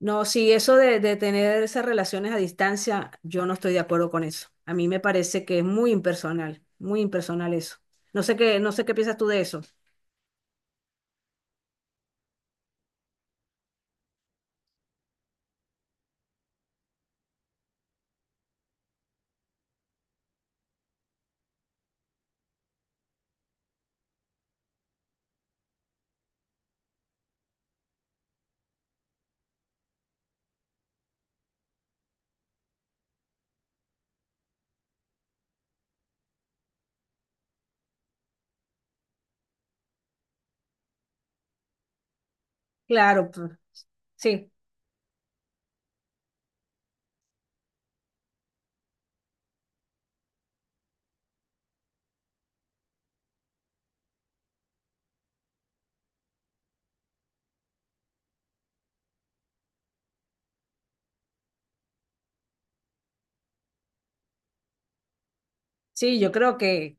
No, sí, eso de tener esas relaciones a distancia, yo no estoy de acuerdo con eso. A mí me parece que es muy impersonal eso. No sé qué piensas tú de eso. Claro, sí, sí, yo creo que,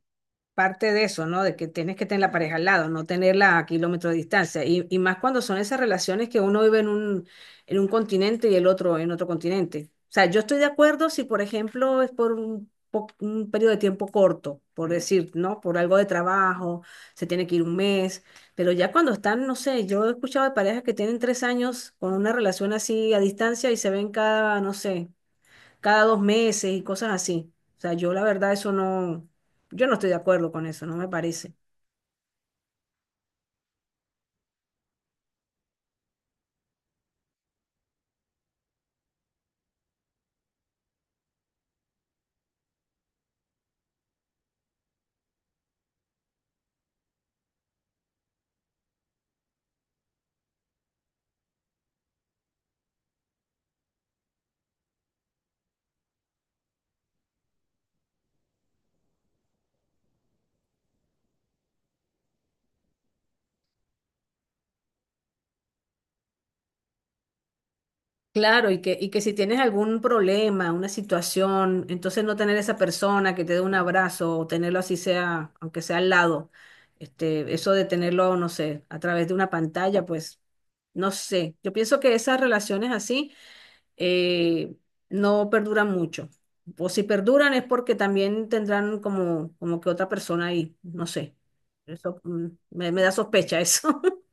parte de eso, ¿no? De que tienes que tener la pareja al lado, no tenerla a kilómetros de distancia. Y más cuando son esas relaciones que uno vive en un continente y el otro en otro continente. O sea, yo estoy de acuerdo si, por ejemplo, es por un periodo de tiempo corto, por decir, ¿no? Por algo de trabajo, se tiene que ir un mes, pero ya cuando están, no sé, yo he escuchado de parejas que tienen 3 años con una relación así a distancia y se ven cada, no sé, cada 2 meses y cosas así. O sea, yo la verdad eso no, yo no estoy de acuerdo con eso, no me parece. Claro, y que si tienes algún problema, una situación, entonces no tener esa persona que te dé un abrazo o tenerlo así sea, aunque sea al lado, este, eso de tenerlo, no sé, a través de una pantalla, pues, no sé. Yo pienso que esas relaciones así eh, no perduran mucho. O si perduran es porque también tendrán como que otra persona ahí, no sé. Eso me da sospecha eso.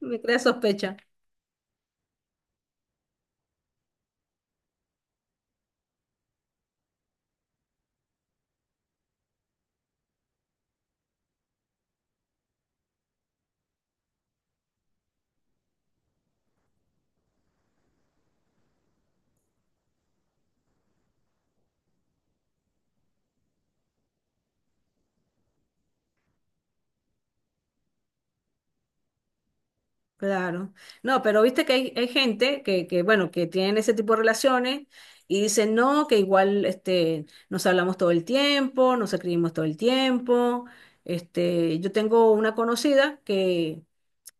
Me crea sospecha. Claro. No, pero viste que hay gente que, bueno, que tienen ese tipo de relaciones y dicen, no, que igual este, nos hablamos todo el tiempo, nos escribimos todo el tiempo. Este, yo tengo una conocida que,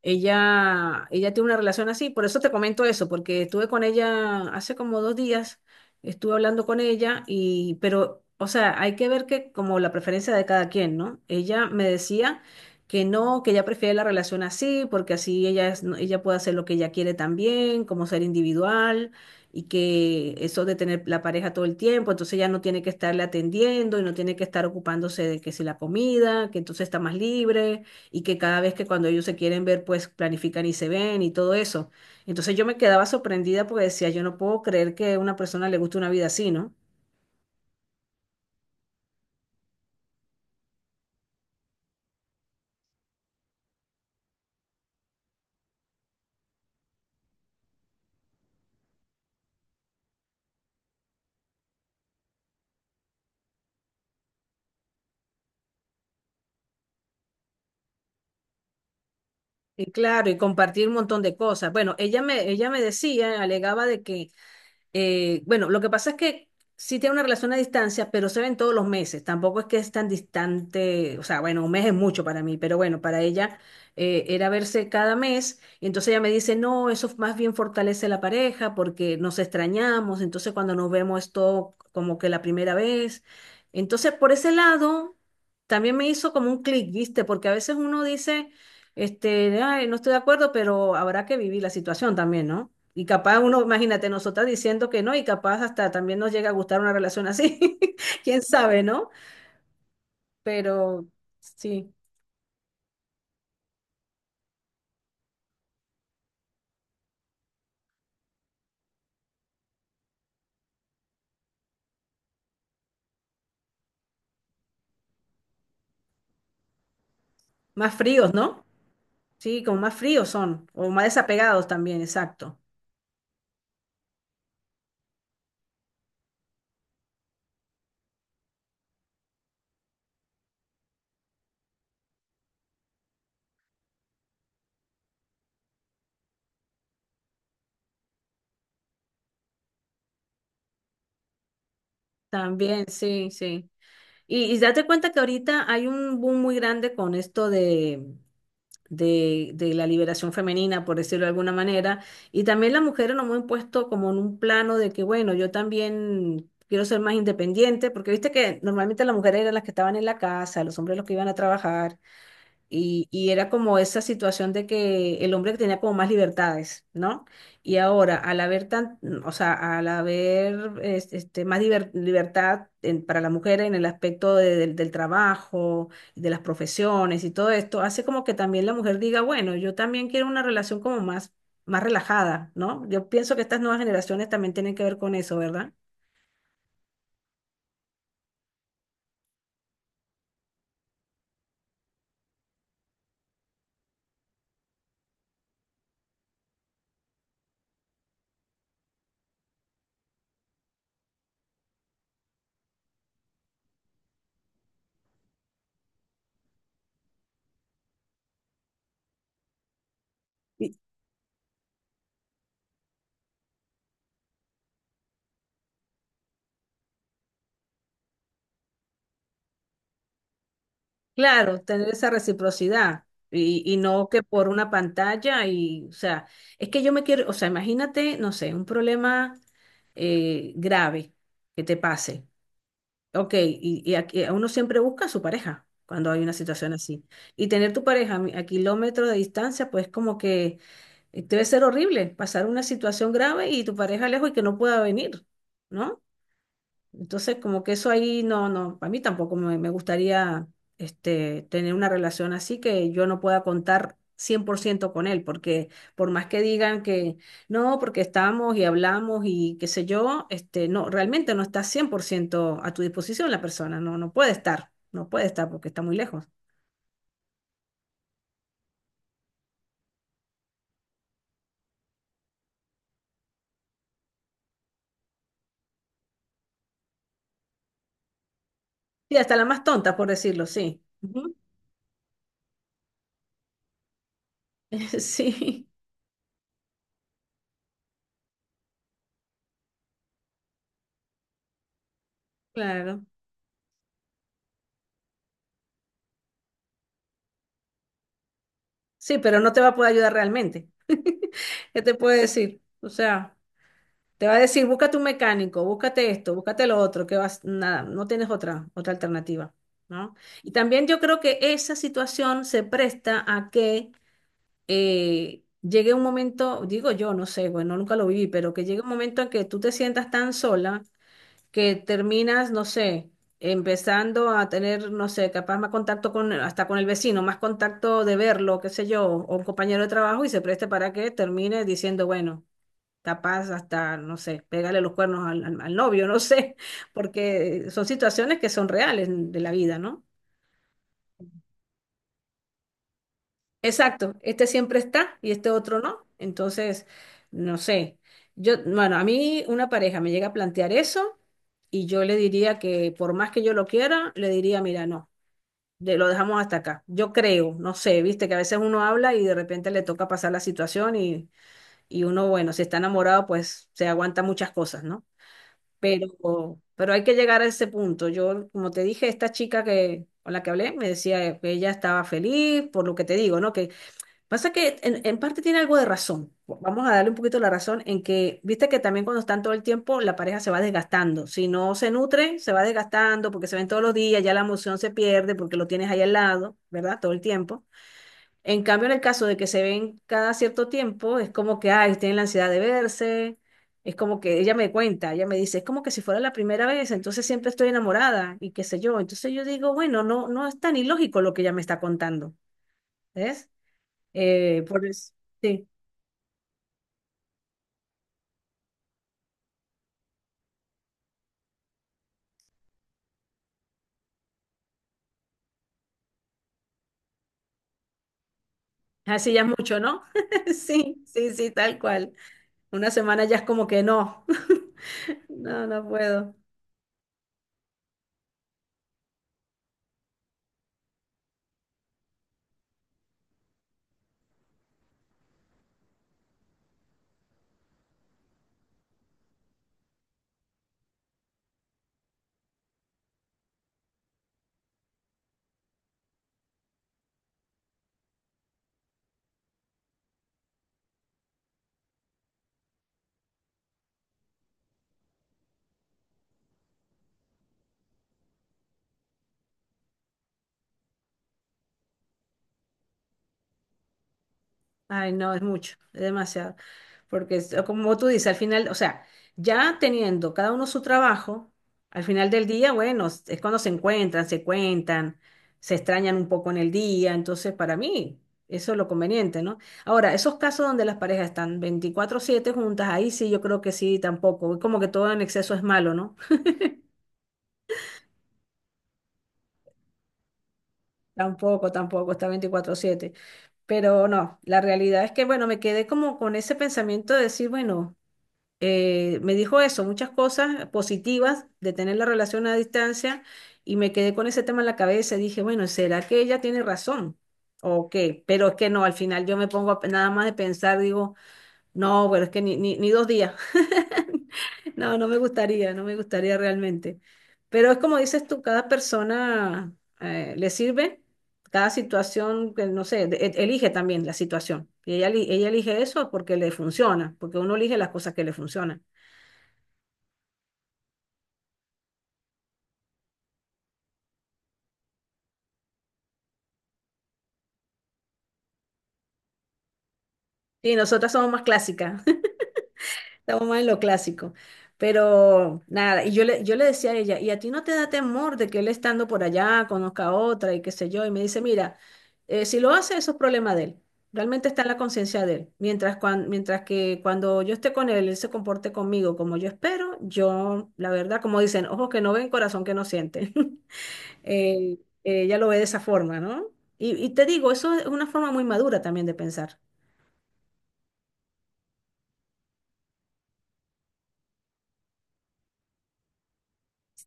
Ella, ella tiene una relación así, por eso te comento eso, porque estuve con ella hace como 2 días, estuve hablando con ella pero, o sea, hay que ver que como la preferencia de cada quien, ¿no? Ella me decía que no, que ella prefiere la relación así, porque así ella es, no, ella puede hacer lo que ella quiere también, como ser individual y que eso de tener la pareja todo el tiempo, entonces ella no tiene que estarle atendiendo y no tiene que estar ocupándose de que si la comida, que entonces está más libre y que cada vez que cuando ellos se quieren ver, pues planifican y se ven y todo eso. Entonces yo me quedaba sorprendida porque decía, yo no puedo creer que a una persona le guste una vida así, ¿no? Y claro, y compartir un montón de cosas. Bueno, ella me decía, alegaba de que Bueno, lo que pasa es que sí tiene una relación a distancia, pero se ven todos los meses. Tampoco es que es tan distante, o sea, bueno, un mes es mucho para mí, pero bueno, para ella era verse cada mes. Y entonces ella me dice, no, eso más bien fortalece la pareja porque nos extrañamos. Entonces cuando nos vemos es todo como que la primera vez. Entonces por ese lado también me hizo como un clic, ¿viste? Porque a veces uno dice, este, ay, no estoy de acuerdo, pero habrá que vivir la situación también, ¿no? Y capaz uno, imagínate, nosotras diciendo que no, y capaz hasta también nos llega a gustar una relación así. Quién sabe, ¿no? Pero sí, más fríos, ¿no? Sí, como más fríos son, o más desapegados también, exacto. También, sí, sí. Y date cuenta que ahorita hay un boom muy grande con esto de la liberación femenina, por decirlo de alguna manera. Y también las mujeres nos hemos puesto como en un plano de que, bueno, yo también quiero ser más independiente, porque viste que normalmente las mujeres eran las que estaban en la casa, los hombres los que iban a trabajar. Y era como esa situación de que el hombre tenía como más libertades, ¿no? Y ahora, al haber o sea, al haber más libertad para la mujer en el aspecto del trabajo, de las profesiones y todo esto, hace como que también la mujer diga, bueno, yo también quiero una relación como más relajada, ¿no? Yo pienso que estas nuevas generaciones también tienen que ver con eso, ¿verdad? Claro, tener esa reciprocidad y no que por una pantalla y, o sea, es que yo me quiero, o sea, imagínate, no sé, un problema grave que te pase. Ok, y aquí, uno siempre busca a su pareja cuando hay una situación así. Y tener tu pareja a kilómetros de distancia, pues como que debe ser horrible pasar una situación grave y tu pareja lejos y que no pueda venir, ¿no? Entonces, como que eso ahí no, no, a mí tampoco me gustaría, este, tener una relación así que yo no pueda contar 100% con él, porque por más que digan que no, porque estamos y hablamos y qué sé yo, este, no, realmente no está 100% a tu disposición la persona, no, no puede estar, no puede estar porque está muy lejos. Sí, hasta la más tonta, por decirlo, sí. Ujú. Sí, claro. Sí, pero no te va a poder ayudar realmente. ¿Qué te puedo decir? O sea. Te va a decir, búscate un mecánico, búscate esto, búscate lo otro, que vas, nada, no tienes otra alternativa, ¿no? Y también yo creo que esa situación se presta a que llegue un momento, digo yo, no sé, bueno, nunca lo viví, pero que llegue un momento en que tú te sientas tan sola que terminas, no sé, empezando a tener, no sé, capaz más contacto hasta con el vecino, más contacto de verlo, qué sé yo, o un compañero de trabajo y se preste para que termine diciendo, bueno, capaz hasta, no sé, pegarle los cuernos al novio, no sé, porque son situaciones que son reales de la vida, ¿no? Exacto, este siempre está y este otro no. Entonces, no sé, yo, bueno, a mí una pareja me llega a plantear eso y yo le diría que por más que yo lo quiera, le diría, mira, no, lo dejamos hasta acá. Yo creo, no sé, viste que a veces uno habla y de repente le toca pasar la situación y uno, bueno, si está enamorado, pues se aguanta muchas cosas, ¿no? Pero hay que llegar a ese punto. Yo, como te dije, esta chica con la que hablé me decía que ella estaba feliz por lo que te digo, ¿no? Que pasa que en parte tiene algo de razón. Vamos a darle un poquito la razón en que, viste que también cuando están todo el tiempo, la pareja se va desgastando. Si no se nutre, se va desgastando porque se ven todos los días, ya la emoción se pierde porque lo tienes ahí al lado, ¿verdad? Todo el tiempo. En cambio, en el caso de que se ven cada cierto tiempo, es como que, ay, tienen la ansiedad de verse, es como que ella me cuenta, ella me dice, es como que si fuera la primera vez, entonces siempre estoy enamorada y qué sé yo. Entonces yo digo, bueno, no, no es tan ilógico lo que ella me está contando, ¿ves? Por eso, sí, así ya es mucho, ¿no? Sí, sí, sí, tal cual. Una semana ya es como que no, no, no puedo. Ay, no, es mucho, es demasiado. Porque como tú dices, al final, o sea, ya teniendo cada uno su trabajo, al final del día, bueno, es cuando se encuentran, se cuentan, se extrañan un poco en el día, entonces para mí eso es lo conveniente, ¿no? Ahora, esos casos donde las parejas están 24/7 juntas, ahí sí yo creo que sí, tampoco, es como que todo en exceso es malo, ¿no? Tampoco, tampoco está 24/7, pero no, la realidad es que, bueno, me quedé como con ese pensamiento de decir, bueno. Me dijo eso, muchas cosas positivas de tener la relación a distancia y me quedé con ese tema en la cabeza y dije, bueno, ¿será que ella tiene razón? ¿O qué? Pero es que no, al final yo me pongo nada más de pensar, digo, no, bueno, es que ni 2 días. No, no me gustaría, no me gustaría realmente. Pero es como dices tú, cada persona le sirve, cada situación, que no sé, elige también la situación. Y ella elige eso porque le funciona, porque uno elige las cosas que le funcionan. Y nosotras somos más clásicas. Estamos más en lo clásico. Pero nada, y yo le decía a ella, ¿y a ti no te da temor de que él estando por allá conozca a otra y qué sé yo? Y me dice, mira, si lo hace, eso es problema de él. Realmente está en la conciencia de él. Mientras, mientras que cuando yo esté con él, él se comporte conmigo como yo espero, yo, la verdad, como dicen, ojos que no ven, corazón que no siente. Eh, ella lo ve de esa forma, ¿no? Y te digo, eso es una forma muy madura también de pensar.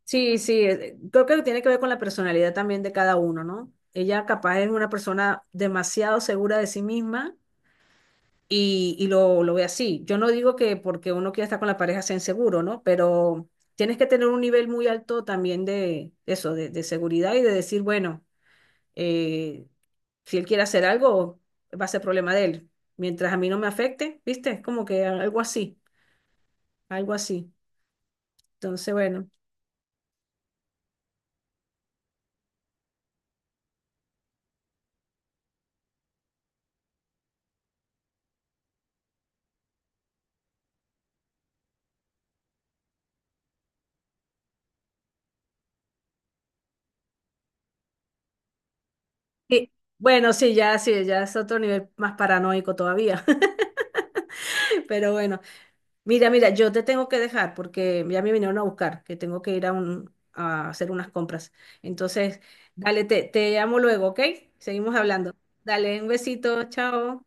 Sí, sí, creo que tiene que ver con la personalidad también de cada uno, ¿no? Ella capaz es una persona demasiado segura de sí misma y lo ve así. Yo no digo que porque uno quiera estar con la pareja sea inseguro, ¿no? Pero tienes que tener un nivel muy alto también de eso, de seguridad y de decir, bueno, eh, si él quiere hacer algo, va a ser problema de él. Mientras a mí no me afecte, ¿viste? Es como que algo así, algo así. Entonces, bueno. Sí, bueno, sí, ya, sí, ya es otro nivel más paranoico todavía. Pero bueno, mira, mira, yo te tengo que dejar porque ya me vinieron a buscar, que tengo que ir a hacer unas compras. Entonces, dale, te llamo luego, ¿ok? Seguimos hablando. Dale, un besito, chao.